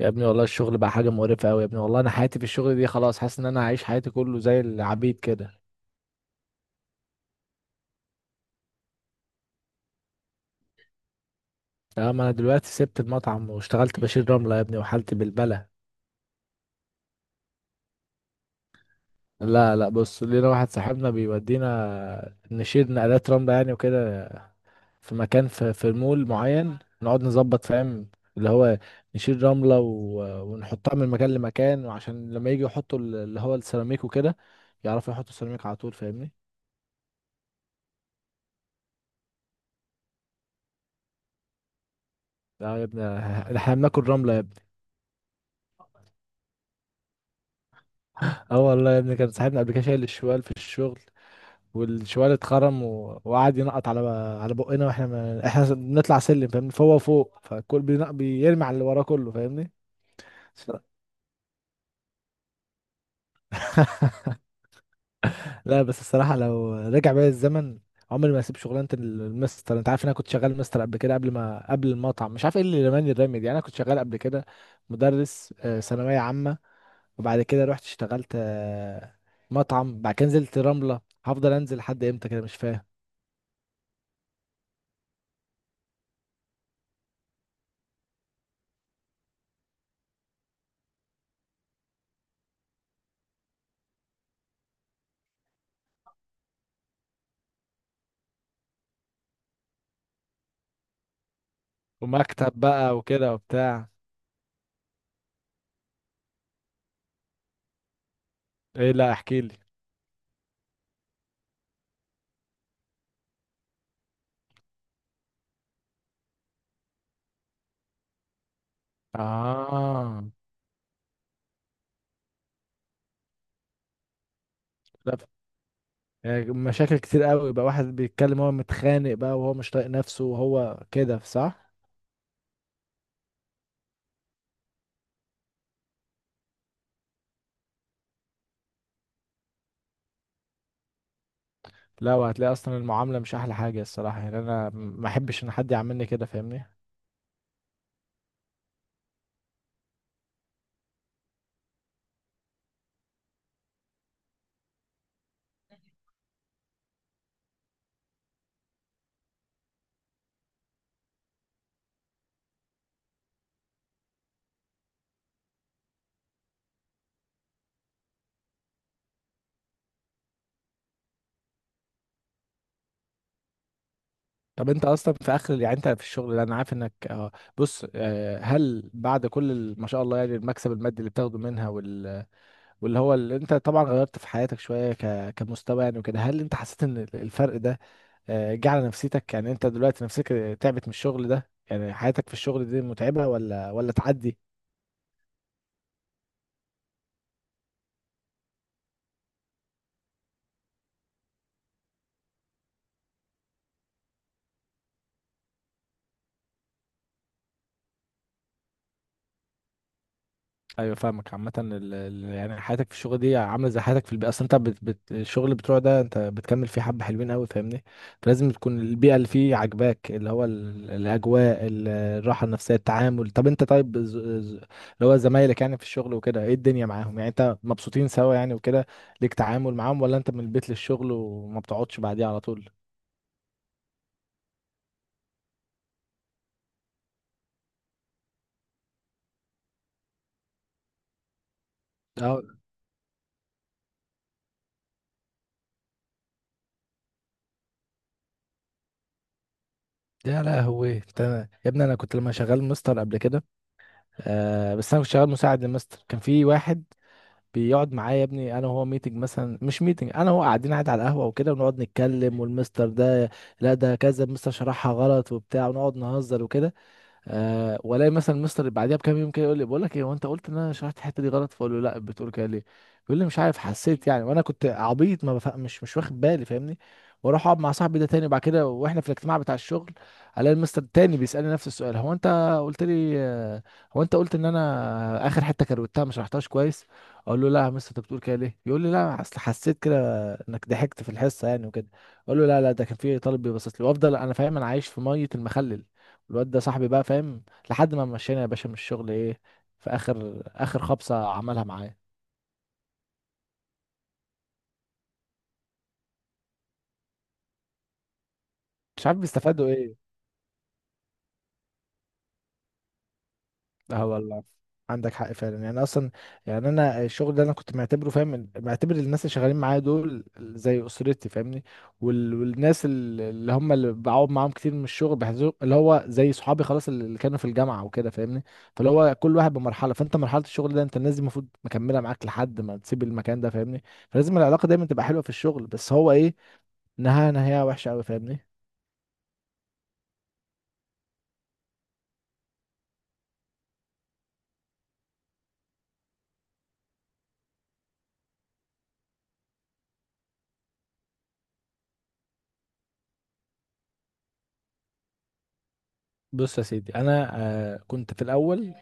يا ابني، والله الشغل بقى حاجة مقرفة أوي. يا ابني، والله أنا حياتي في الشغل دي خلاص، حاسس إن أنا عايش حياتي كله زي العبيد كده. تمام، أنا دلوقتي سبت المطعم واشتغلت بشيل رملة يا ابني، وحالتي بالبلة. لا لا، بص لينا واحد صاحبنا بيودينا نشيل نقلات رملة يعني وكده. في مكان في المول معين نقعد نظبط، فاهم؟ اللي هو نشيل رملة و... ونحطها من مكان لمكان، وعشان لما يجي يحطوا اللي هو السيراميك وكده، يعرفوا يحطوا السيراميك على طول، فاهمني. لا يا ابني. احنا بناكل رملة يا ابني. اه والله يا ابني، كان صاحبنا قبل كده شايل الشوال في الشغل. والشوال اتخرم و... وقعد ينقط على بقنا، واحنا ما... احنا بنطلع سلم فاهمني، فوق وفوق، فالكل بيرمي على اللي وراه كله، فاهمني. لا بس الصراحة لو رجع بيا الزمن، عمري ما هسيب شغلانة المستر. انت عارف ان انا كنت شغال مستر قبل كده، قبل المطعم. مش عارف ايه اللي رماني الرمي دي. انا كنت شغال قبل كده مدرس، ثانوية عامة. وبعد كده رحت اشتغلت مطعم. بعد كده نزلت رملة. هفضل انزل لحد امتى كده؟ مش فاهم. ومكتب بقى وكده وبتاع. ايه؟ لا احكي لي. اه. لا يعني مشاكل كتير قوي بقى، واحد بيتكلم هو متخانق بقى وهو مش طايق نفسه وهو كده، صح؟ لا، وهتلاقي اصلا المعامله مش احلى حاجه الصراحه. يعني انا ما احبش ان حد يعاملني كده، فاهمني. طب انت اصلا في اخر يعني انت في الشغل ده انا عارف انك، بص، هل بعد كل ما شاء الله يعني المكسب المادي اللي بتاخده منها واللي هو اللي انت طبعا غيرت في حياتك شويه، كمستوى يعني وكده، هل انت حسيت ان الفرق ده جه على نفسيتك؟ يعني انت دلوقتي نفسك تعبت من الشغل ده؟ يعني حياتك في الشغل دي متعبة ولا تعدي؟ ايوه فاهمك. عامة يعني حياتك في الشغل دي عاملة زي حياتك في البيئة، اصل انت بت بت الشغل بتوع ده انت بتكمل فيه حبة حلوين قوي، فاهمني. فلازم تكون البيئة اللي فيه عاجباك، اللي هو الاجواء، الراحة النفسية، التعامل. طب انت طيب، اللي هو زمايلك يعني في الشغل وكده، ايه الدنيا معاهم؟ يعني انت مبسوطين سوا يعني وكده، ليك تعامل معاهم ولا انت من البيت للشغل وما بتقعدش بعديه على طول؟ يا لهوي انت. يا ابني، انا كنت لما شغال مستر قبل كده، بس انا كنت شغال مساعد للمستر. كان في واحد بيقعد معايا يا ابني، انا وهو ميتنج مثلا، مش ميتنج، انا وهو قاعدين قاعد على القهوه وكده، ونقعد نتكلم والمستر ده، لا ده كذا المستر شرحها غلط وبتاع، ونقعد نهزر وكده. أه، والاقي مثلا مستر بعديها بكام يوم كده يقول لي: بقول لك ايه، هو انت قلت ان انا شرحت الحته دي غلط؟ فاقول له: لا، بتقول كده ليه؟ يقول لي: مش عارف، حسيت يعني. وانا كنت عبيط ما بفهم، مش واخد بالي، فاهمني. واروح اقعد مع صاحبي ده تاني، وبعد كده واحنا في الاجتماع بتاع الشغل، الاقي المستر التاني بيسالني نفس السؤال: هو انت قلت لي، هو انت قلت ان انا اخر حته كروتها ما شرحتهاش كويس؟ اقول له: لا يا مستر، انت بتقول كده ليه؟ يقول لي: لا، اصل حسيت انك ضحكت في الحصه يعني وكده. اقول له: لا لا، ده كان في طالب بيبصص لي. وافضل انا فاهم انا عايش في ميه المخلل. الواد ده صاحبي بقى، فاهم. لحد ما مشينا يا باشا من الشغل، ايه، في اخر اخر خبطه عملها معايا. مش عارف بيستفادوا ايه. اه والله، عندك حق فعلا. يعني اصلا يعني انا الشغل ده انا كنت معتبره، فاهم، معتبر الناس اللي شغالين معايا دول زي اسرتي، فاهمني. وال... والناس اللي هم اللي بقعد معاهم كتير من الشغل بحسهم اللي هو زي صحابي خلاص اللي كانوا في الجامعه وكده، فاهمني. فاللي هو كل واحد بمرحله. فانت مرحله الشغل ده، انت الناس دي المفروض مكمله معاك لحد ما تسيب المكان ده، فاهمني. فلازم العلاقه دايما تبقى حلوه في الشغل، بس هو ايه، نهايه نهايه وحشه قوي، فاهمني. بص يا سيدي، انا كنت في الاول،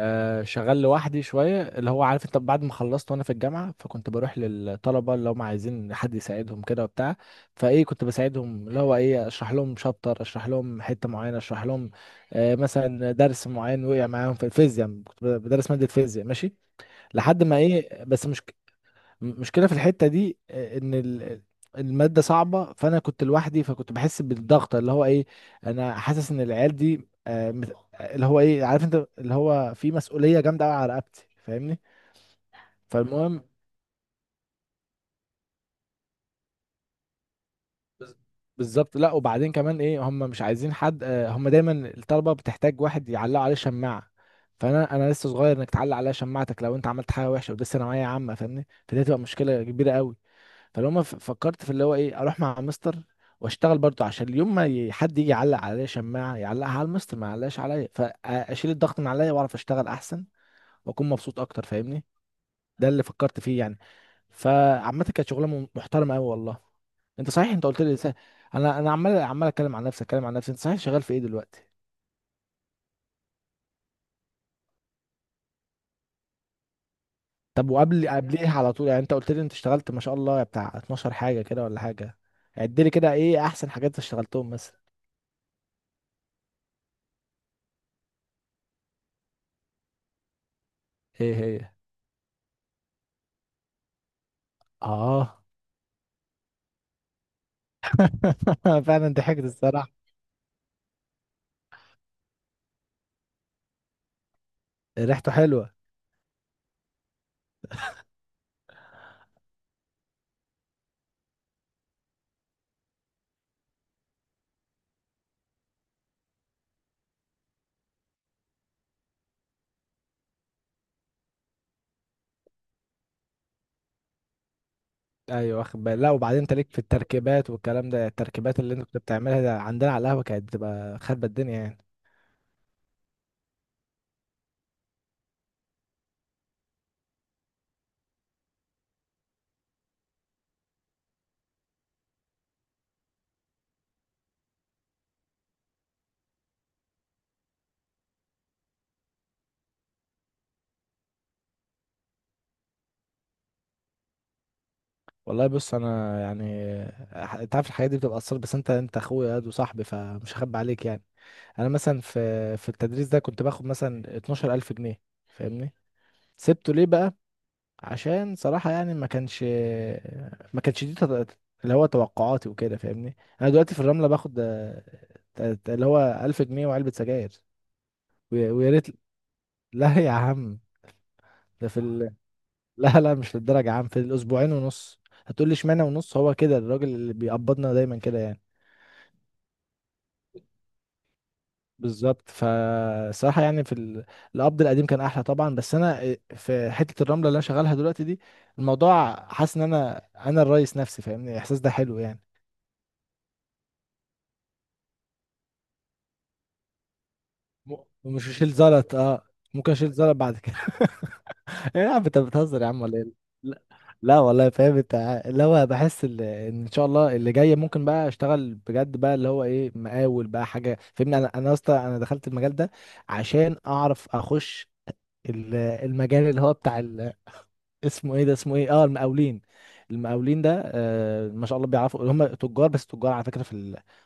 شغال لوحدي شوية، اللي هو عارف انت، بعد ما خلصت وانا في الجامعة فكنت بروح للطلبة اللي هم عايزين حد يساعدهم كده وبتاع. فايه كنت بساعدهم، اللي هو ايه، اشرح لهم شابتر، اشرح لهم حتة معينة، اشرح لهم مثلا درس معين وقع معاهم في الفيزياء، كنت بدرس مادة فيزياء، ماشي. لحد ما ايه، بس مش، المشكله في الحته دي ان الماده صعبه، فانا كنت لوحدي فكنت بحس بالضغط، اللي هو ايه، انا حاسس ان العيال دي، اللي هو ايه، عارف انت، اللي هو في مسؤوليه جامده قوي على رقبتي، فاهمني. فالمهم، بز- بالظبط. لا، وبعدين كمان ايه، هم مش عايزين حد، هم دايما الطلبه بتحتاج واحد يعلقوا عليه شماعه. فانا لسه صغير، انك تعلق عليا شماعتك لو انت عملت حاجه وحشه، ودي ثانويه عامه فاهمني، فدي هتبقى مشكله كبيره قوي. فلو ما فكرت في اللي هو ايه، اروح مع مستر واشتغل برضه، عشان اليوم ما حد يجي يعلق عليا شماعه يعلقها على المستر، ما يعلقش عليا، فاشيل الضغط من عليا واعرف اشتغل احسن واكون مبسوط اكتر، فاهمني. ده اللي فكرت فيه يعني. فعامه كانت شغلانه محترمه قوي والله. انت صحيح انت قلت لي، انا عمال عمال اتكلم عن نفسي، اتكلم عن نفسي. انت صحيح، شغال في ايه دلوقتي؟ طب وقبل قبليه على طول يعني، انت قلت لي انت اشتغلت ما شاء الله بتاع 12 حاجه كده ولا حاجه، عد لي كده ايه احسن حاجات اشتغلتهم مثلا. ايه هي؟ اه، فعلا ضحكت الصراحه. ريحته حلوه. ايوه واخد بالي. لا، وبعدين انت ليك في التركيبات والكلام ده، التركيبات اللي انت كنت بتعملها ده عندنا على القهوه كانت بتبقى خربة الدنيا يعني. والله بص، انا يعني، انت عارف الحاجات دي بتبقى اثر، بس انت اخويا ياد وصاحبي فمش هخبي عليك يعني. انا مثلا في التدريس ده كنت باخد مثلا 12000 جنيه، فاهمني. سبته ليه بقى؟ عشان صراحة يعني، ما كانش دي، اللي هو توقعاتي وكده، فاهمني. انا دلوقتي في الرملة باخد اللي هو 1000 جنيه وعلبة سجاير. ويا ريت. لا يا عم، ده في لا لا، مش للدرجة يا عم، في الاسبوعين ونص. هتقول لي اشمعنى ونص؟ هو كده الراجل اللي بيقبضنا دايما كده يعني. بالظبط. فصراحة يعني في القبض القديم كان احلى طبعا، بس انا في حتة الرملة اللي انا شغالها دلوقتي دي، الموضوع، حاسس ان انا الرئيس نفسي، فاهمني. الاحساس ده حلو يعني. م- مش اشيل زلط، اه. ممكن اشيل زلط بعد كده. يا عم انت بتهزر يا عم ولا ايه؟ لا. لا والله فاهم، انت اللي هو بحس ان شاء الله اللي جاي ممكن بقى اشتغل بجد بقى، اللي هو ايه، مقاول بقى حاجه، فاهمني. انا اصلا انا دخلت المجال ده عشان اعرف اخش المجال اللي هو بتاع اسمه ايه ده، اسمه ايه، اه، المقاولين. المقاولين ده، ما شاء الله، بيعرفوا اللي هم تجار، بس تجار على فكره في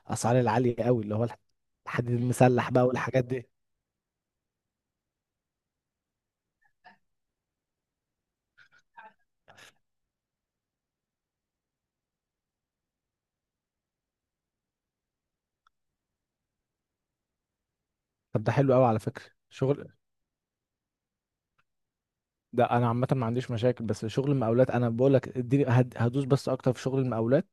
الاسعار العاليه قوي، اللي هو الحديد المسلح بقى والحاجات دي. طب ده حلو قوي على فكره. شغل ده، انا عامه ما عنديش مشاكل، بس شغل المقاولات انا بقول لك اديني هدوس بس اكتر في شغل المقاولات.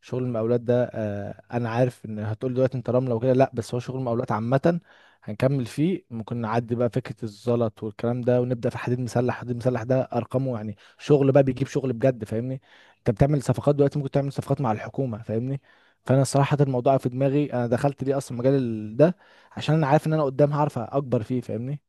شغل المقاولات ده انا عارف ان هتقول دلوقتي انت رمله وكده، لا بس هو شغل المقاولات عامه هنكمل فيه، ممكن نعدي بقى فكره الزلط والكلام ده ونبدا في حديد مسلح. حديد مسلح ده ارقامه يعني شغل بقى، بيجيب شغل بجد، فاهمني. انت بتعمل صفقات دلوقتي، ممكن تعمل صفقات مع الحكومه، فاهمني. فانا صراحه الموضوع في دماغي، انا دخلت ليه اصلا مجال ده، عشان انا عارف ان انا قدام هعرف اكبر فيه، فاهمني.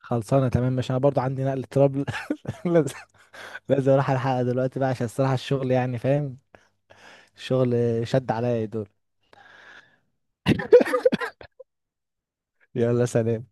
خلصانه تمام، مش انا برضو عندي نقل تراب. لازم. لازم اروح الحلقه دلوقتي بقى عشان الصراحه الشغل يعني، فاهم. الشغل، شد عليا يا دول. يلا سلام.